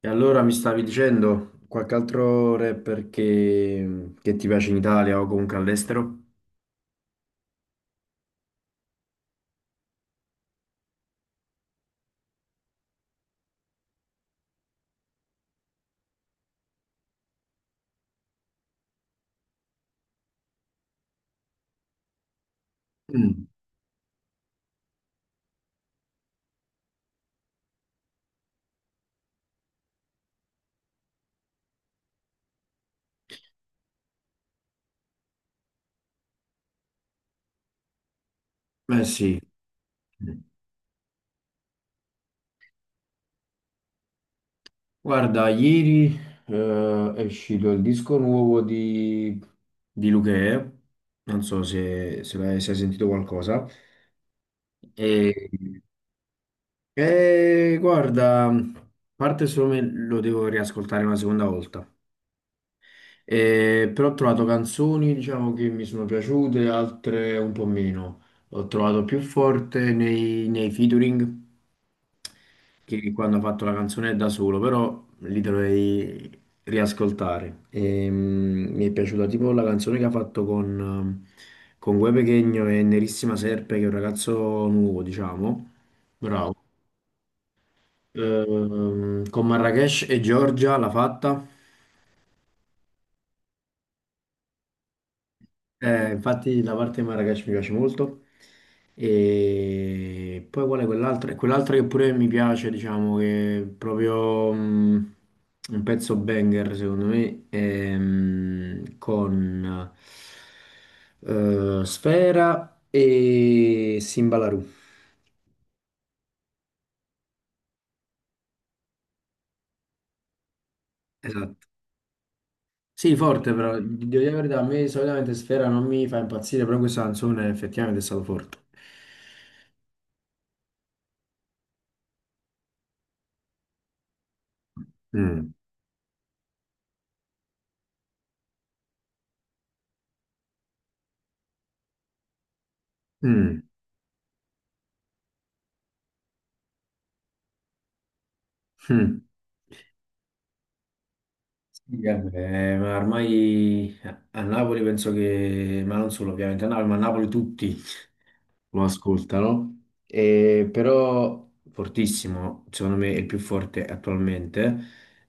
E allora mi stavi dicendo qualche altro rapper che ti piace in Italia o comunque all'estero? Mm. Eh sì. Guarda, ieri è uscito il disco nuovo di Luchè, non so se, se l'hai se hai sentito qualcosa. E, e guarda, a parte solo me lo devo riascoltare una seconda volta. Però ho trovato canzoni, diciamo, che mi sono piaciute, altre un po' meno. Ho trovato più forte nei featuring che quando ho fatto la canzone da solo, però li dovrei riascoltare. Mi è piaciuta tipo la canzone che ha fatto con Guè Pequeno e Nerissima Serpe, che è un ragazzo nuovo, diciamo. Ah, bravo. Con Marrakesh e Giorgia l'ha fatta. Infatti la parte di Marrakesh mi piace molto e poi qual è quell'altro? E quell'altro che pure mi piace, diciamo che è proprio un pezzo banger secondo me è, con Sfera e Simbalarù. Esatto. Sì, forte però, di devo dire la verità, a me solitamente Sfera non mi fa impazzire, però questa canzone effettivamente è stato forte. Mm. Mm. Mm. Sì, vabbè, ma ormai a Napoli penso che, ma non solo ovviamente a Napoli, ma a Napoli tutti lo ascoltano. E però fortissimo, secondo me è il più forte attualmente.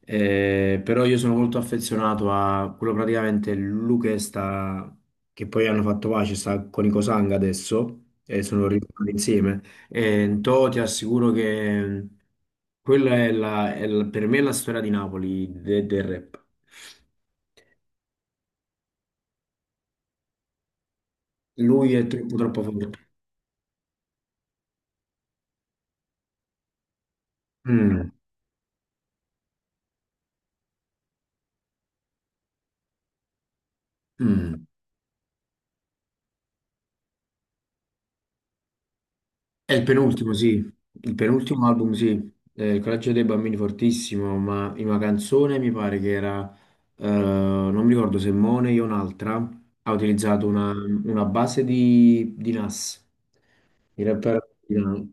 Però io sono molto affezionato a quello praticamente Luque sta, che poi hanno fatto pace, sta con i Cosanga adesso e sono ritornati insieme. Tò, ti assicuro che quella è, per me è la storia di Napoli del rap. Lui è troppo, troppo forte. Mm, mm. È il penultimo, sì. Il penultimo album, sì. Il coraggio dei bambini fortissimo, ma in una canzone mi pare che era, non mi ricordo se Mone o un'altra, ha utilizzato una base di Nas. Il rapper di Nas.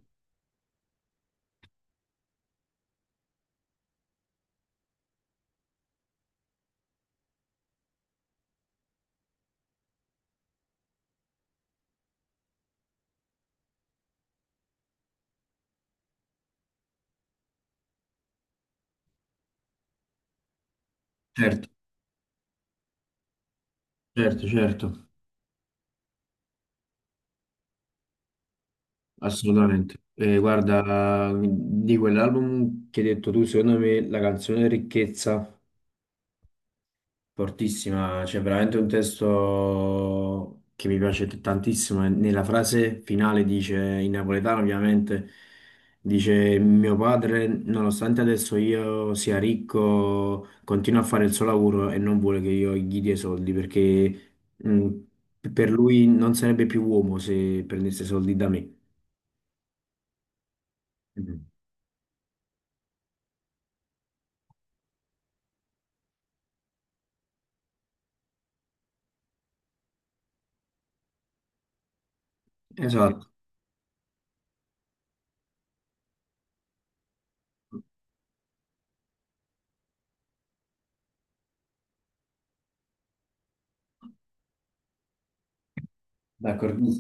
Certo, certo, certo. Assolutamente. Guarda, di quell'album che hai detto tu, secondo me la canzone Ricchezza, fortissima, c'è veramente un testo che mi piace tantissimo. E nella frase finale dice, in napoletano ovviamente, dice mio padre, nonostante adesso io sia ricco, continua a fare il suo lavoro e non vuole che io gli dia i soldi perché mm, per lui non sarebbe più uomo se prendesse soldi da me. Mm. Esatto. D'accordo.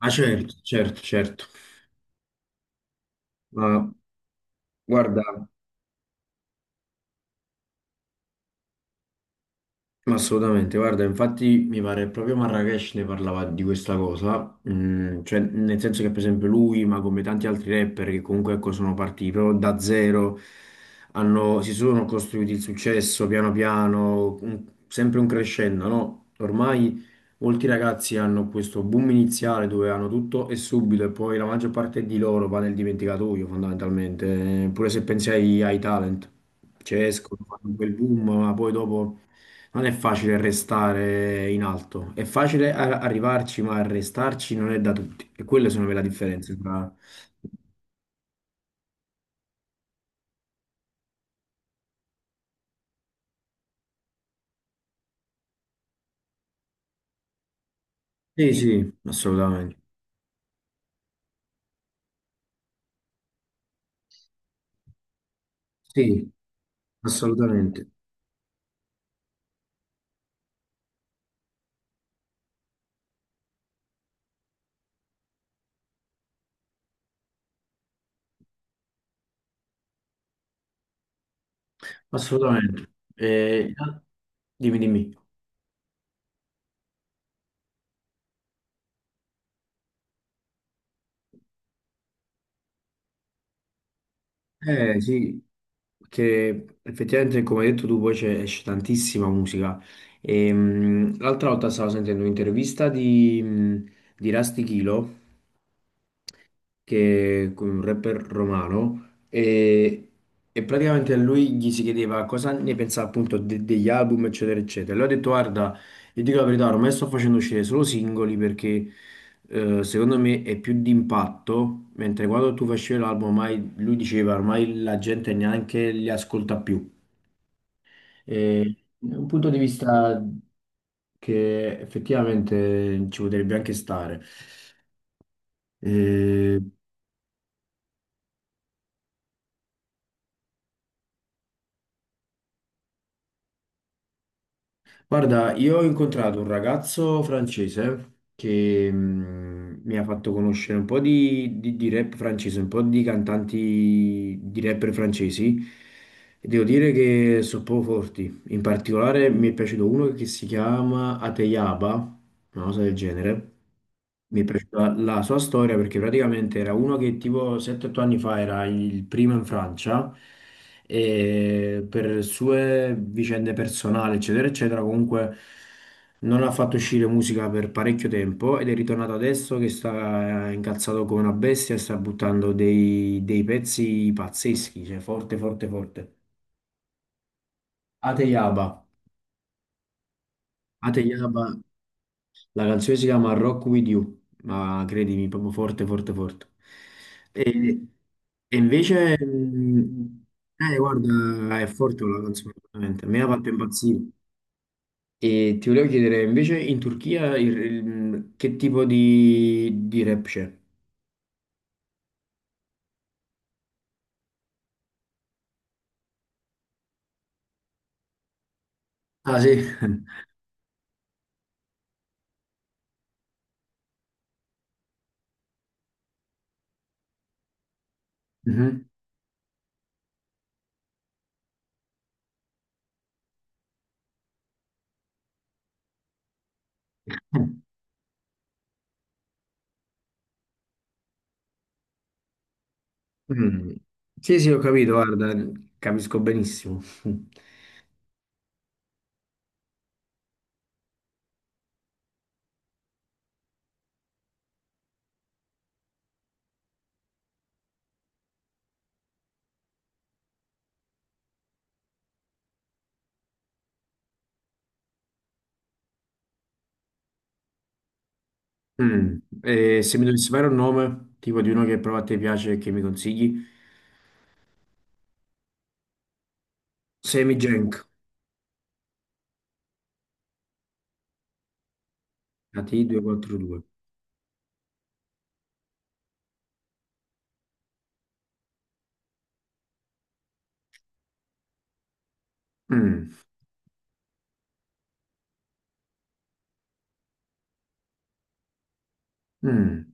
Ah, certo, certo, certo. Ma guarda. Mm. Ma assolutamente, guarda, infatti mi pare proprio Marrakesh ne parlava di questa cosa, cioè nel senso che per esempio lui, ma come tanti altri rapper che comunque ecco, sono partiti proprio da zero, si sono costruiti il successo piano piano, sempre un crescendo, no? Ormai molti ragazzi hanno questo boom iniziale dove hanno tutto e subito e poi la maggior parte di loro va nel dimenticatoio fondamentalmente, pure se pensi ai talent, cioè escono, fanno quel boom, ma poi dopo. Non è facile restare in alto, è facile arrivarci, ma restarci non è da tutti. E quelle sono le la differenze tra. Sì, sì, assolutamente. Sì, assolutamente. Assolutamente. Dimmi, dimmi. Eh sì, perché effettivamente come hai detto tu poi esce tantissima musica. E, l'altra volta stavo sentendo un'intervista di Rusty Kilo che è un rapper romano e praticamente a lui gli si chiedeva cosa ne pensava appunto degli album eccetera eccetera. E lui ha detto guarda, io dico la verità, ormai sto facendo uscire solo singoli perché secondo me è più di impatto, mentre quando tu facevi l'album ormai lui diceva ormai la gente neanche li ascolta più. E è un punto di vista che effettivamente ci potrebbe anche stare. Eh, Guarda, io ho incontrato un ragazzo francese che mi ha fatto conoscere un po' di rap francese, un po' di cantanti di rapper francesi e devo dire che sono proprio forti. In particolare mi è piaciuto uno che si chiama Ateyaba, una cosa del genere. Mi è piaciuta la sua storia perché praticamente era uno che tipo 7-8 anni fa era il primo in Francia e per sue vicende personali, eccetera, eccetera, comunque non ha fatto uscire musica per parecchio tempo ed è ritornato adesso che sta incazzato come una bestia e sta buttando dei pezzi pazzeschi, cioè forte, forte, forte. Ateyaba. Ateyaba La canzone si chiama Rock With You, ma credimi, proprio forte, forte, forte. E, e invece, guarda, è forte la canzone, veramente. A me ha fatto impazzire. E ti volevo chiedere, invece, in Turchia che tipo di rap c'è? Ah, sì. Mhm. Mm. Sì, sì, ho capito, guarda, capisco benissimo. Mm. E se mi dovessi fare un nome, tipo di uno che prova a te piace e che mi consigli? Semi Genk. ATI 242. Mm, mm.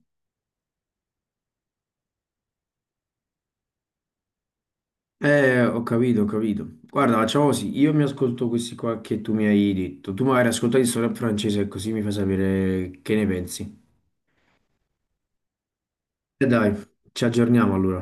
Ho capito, ho capito. Guarda, facciamo così, io mi ascolto questi qua che tu mi hai detto. Tu magari ascoltati solo in francese, così mi fai sapere che ne pensi. E dai, ci aggiorniamo allora.